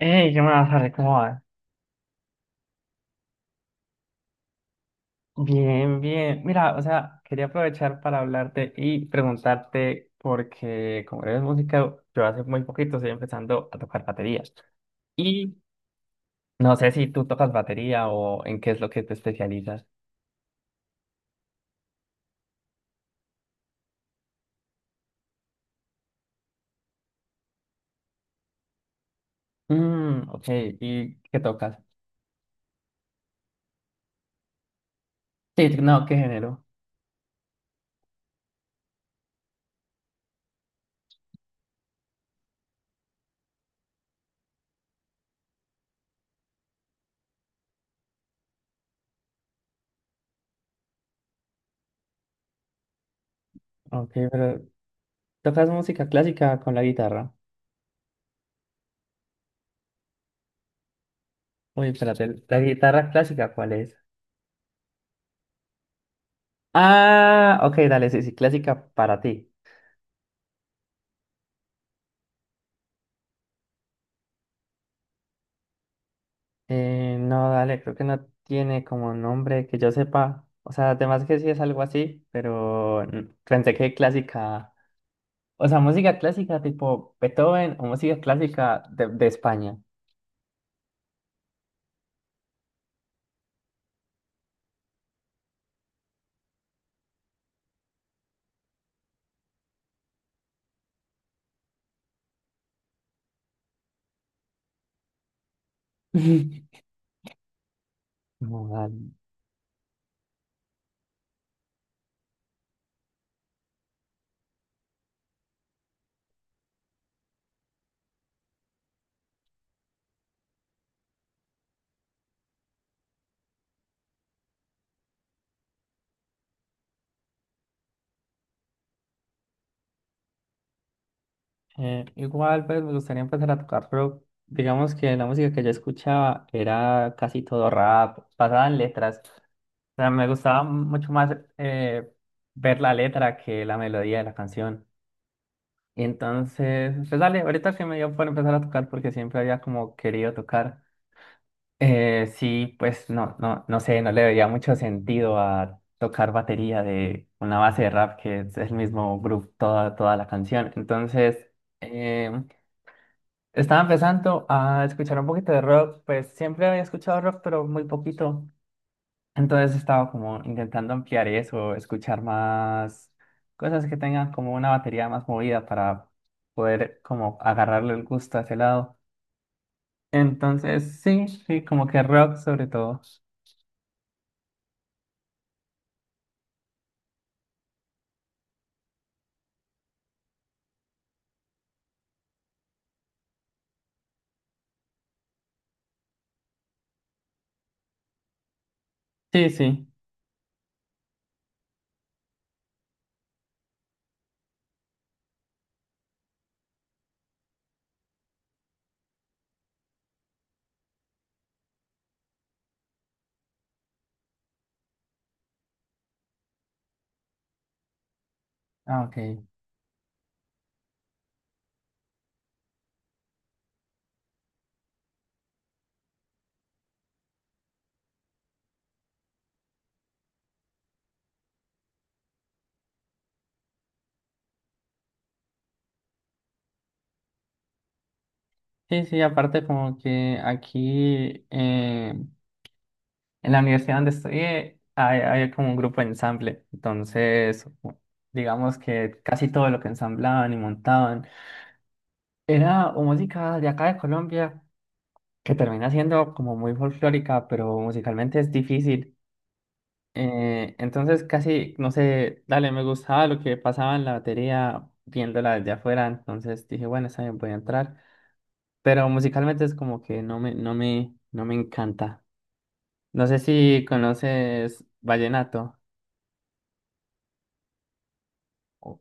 Hey, ¿qué más, Harry? ¿Cómo vas? Bien, bien. Mira, o sea, quería aprovechar para hablarte y preguntarte, porque como eres música, yo hace muy poquito estoy empezando a tocar baterías. Y no sé si tú tocas batería o en qué es lo que te especializas. Ok, ¿y qué tocas? Sí, no, ¿qué género? Ok, pero ¿tocas música clásica con la guitarra? Uy, espérate, ¿la guitarra clásica cuál es? Ah, ok, dale, sí, sí, clásica para ti. No, dale, creo que no tiene como nombre que yo sepa. O sea, además que sí es algo así, pero pensé que clásica, o sea, música clásica tipo Beethoven o música clásica de España. No, dale. Igual, pues me gustaría empezar a tocar, pero digamos que la música que yo escuchaba era casi todo rap, basada en letras. O sea, me gustaba mucho más ver la letra que la melodía de la canción. Y entonces, pues dale, ahorita que me dio por empezar a tocar porque siempre había como querido tocar. Sí, pues no, no, no sé, no le veía mucho sentido a tocar batería de una base de rap que es el mismo groove toda, toda la canción. Entonces, eh, estaba empezando a escuchar un poquito de rock, pues siempre había escuchado rock, pero muy poquito. Entonces estaba como intentando ampliar eso, escuchar más cosas que tengan como una batería más movida para poder como agarrarle el gusto a ese lado. Entonces, sí, sí, como que rock sobre todo. Sí, sí. Ah, ok. Sí, sí, aparte como que aquí en la universidad donde estudié hay como un grupo de ensamble. Entonces, digamos que casi todo lo que ensamblaban y montaban era o música de acá de Colombia que termina siendo como muy folclórica, pero musicalmente es difícil. Entonces casi, no sé, dale, me gustaba lo que pasaba en la batería viéndola desde afuera, entonces dije, bueno, está bien, voy a entrar, pero musicalmente es como que no me, no me, no me encanta. No sé si conoces vallenato. o-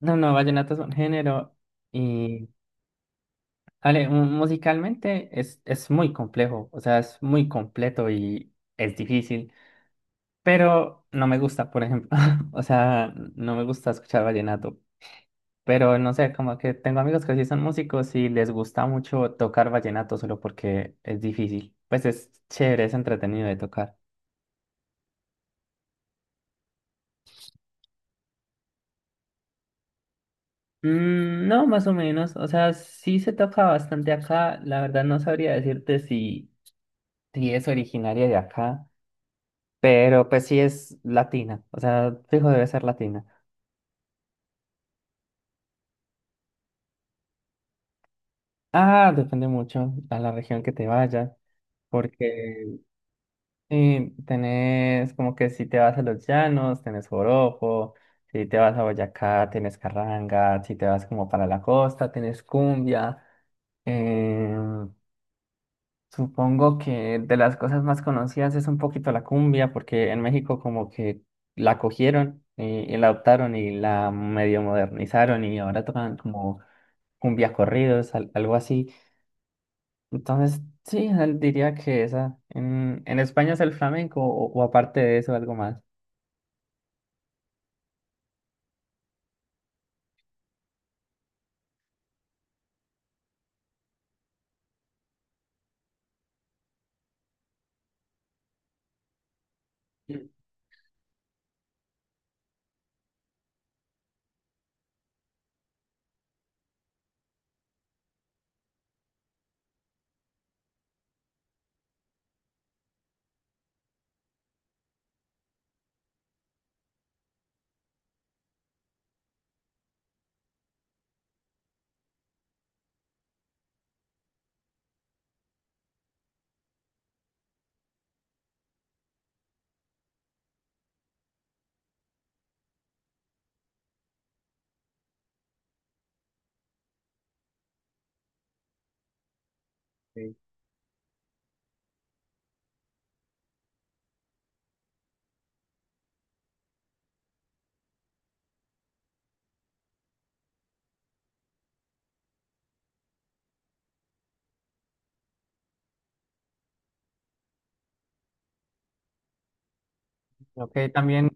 No, no, vallenato es un género y, dale, musicalmente es muy complejo, o sea, es muy completo y es difícil. Pero no me gusta, por ejemplo. O sea, no me gusta escuchar vallenato. Pero no sé, como que tengo amigos que sí son músicos y les gusta mucho tocar vallenato solo porque es difícil. Pues es chévere, es entretenido de tocar. No, más o menos. O sea, sí se toca bastante acá. La verdad no sabría decirte si es originaria de acá, pero pues sí es latina. O sea, fijo debe ser latina. Ah, depende mucho a la región que te vaya, porque sí, tenés como que si te vas a los llanos, tenés joropo, si te vas a Boyacá, tenés carranga, si te vas como para la costa, tenés cumbia. Eh, supongo que de las cosas más conocidas es un poquito la cumbia, porque en México como que la cogieron y la adoptaron y la medio modernizaron y ahora tocan como cumbia corridos, algo así. Entonces, sí, diría que esa. En España es el flamenco o aparte de eso algo más. Ok, ok, también,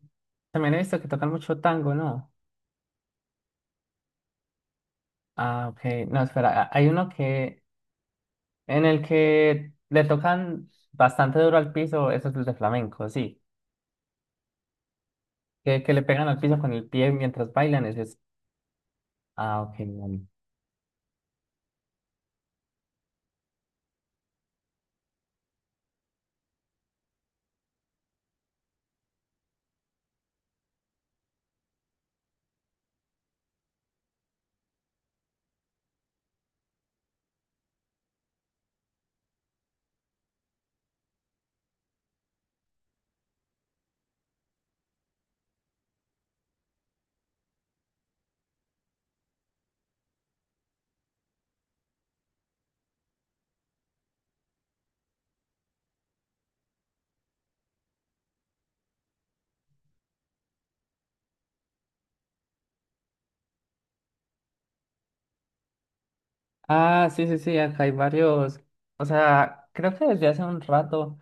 también he visto que tocan mucho tango, ¿no? Ah, ok, no, espera, ah, hay uno que, en el que le tocan bastante duro al piso, eso es el de flamenco, sí, que le pegan al piso con el pie mientras bailan, ese es, ah, ok, vale. Ah, sí, sí, sí, acá hay varios, o sea, creo que desde hace un rato,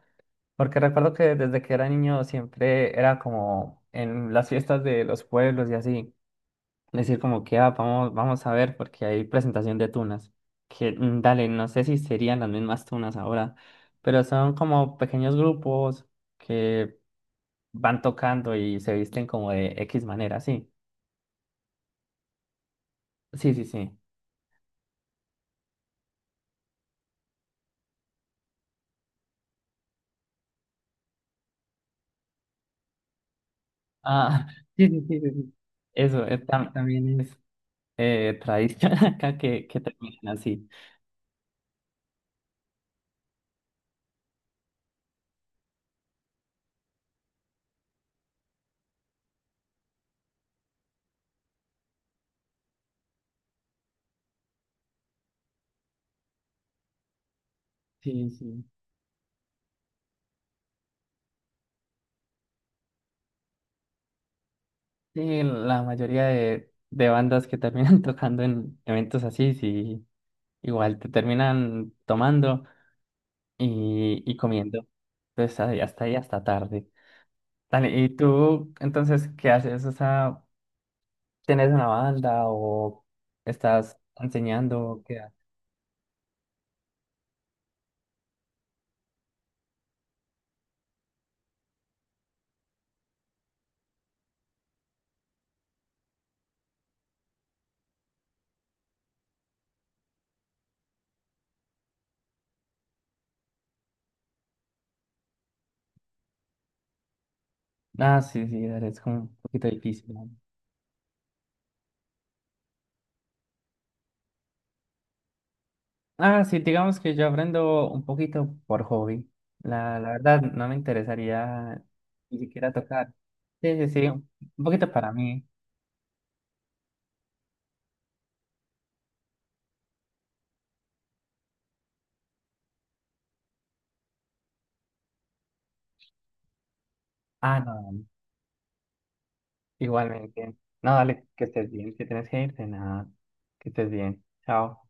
porque recuerdo que desde que era niño siempre era como en las fiestas de los pueblos y así. Decir como que, ah, vamos, vamos a ver porque hay presentación de tunas. Que, mm, dale, no sé si serían las mismas tunas ahora, pero son como pequeños grupos que van tocando y se visten como de X manera, sí. Sí, sí, sí. Ah, sí, sí, sí, sí. Sí. Eso, tam- también es tradición acá que terminan así. Sí, sí. Sí, la mayoría de bandas que terminan tocando en eventos así, sí, igual te terminan tomando. Y, y comiendo. Entonces ahí hasta tarde. Dale, ¿y tú entonces qué haces? O sea, ¿tienes una banda o estás enseñando? ¿Qué haces? Ah, sí, sí, dale, es como un poquito difícil. ¿No? Ah, sí, digamos que yo aprendo un poquito por hobby. La verdad, no me interesaría ni siquiera tocar. Sí, sí, sí, un poquito para mí. Ah, no, dale, igualmente. No, dale, que estés bien, que tienes que irte, nada, que estés bien. Chao.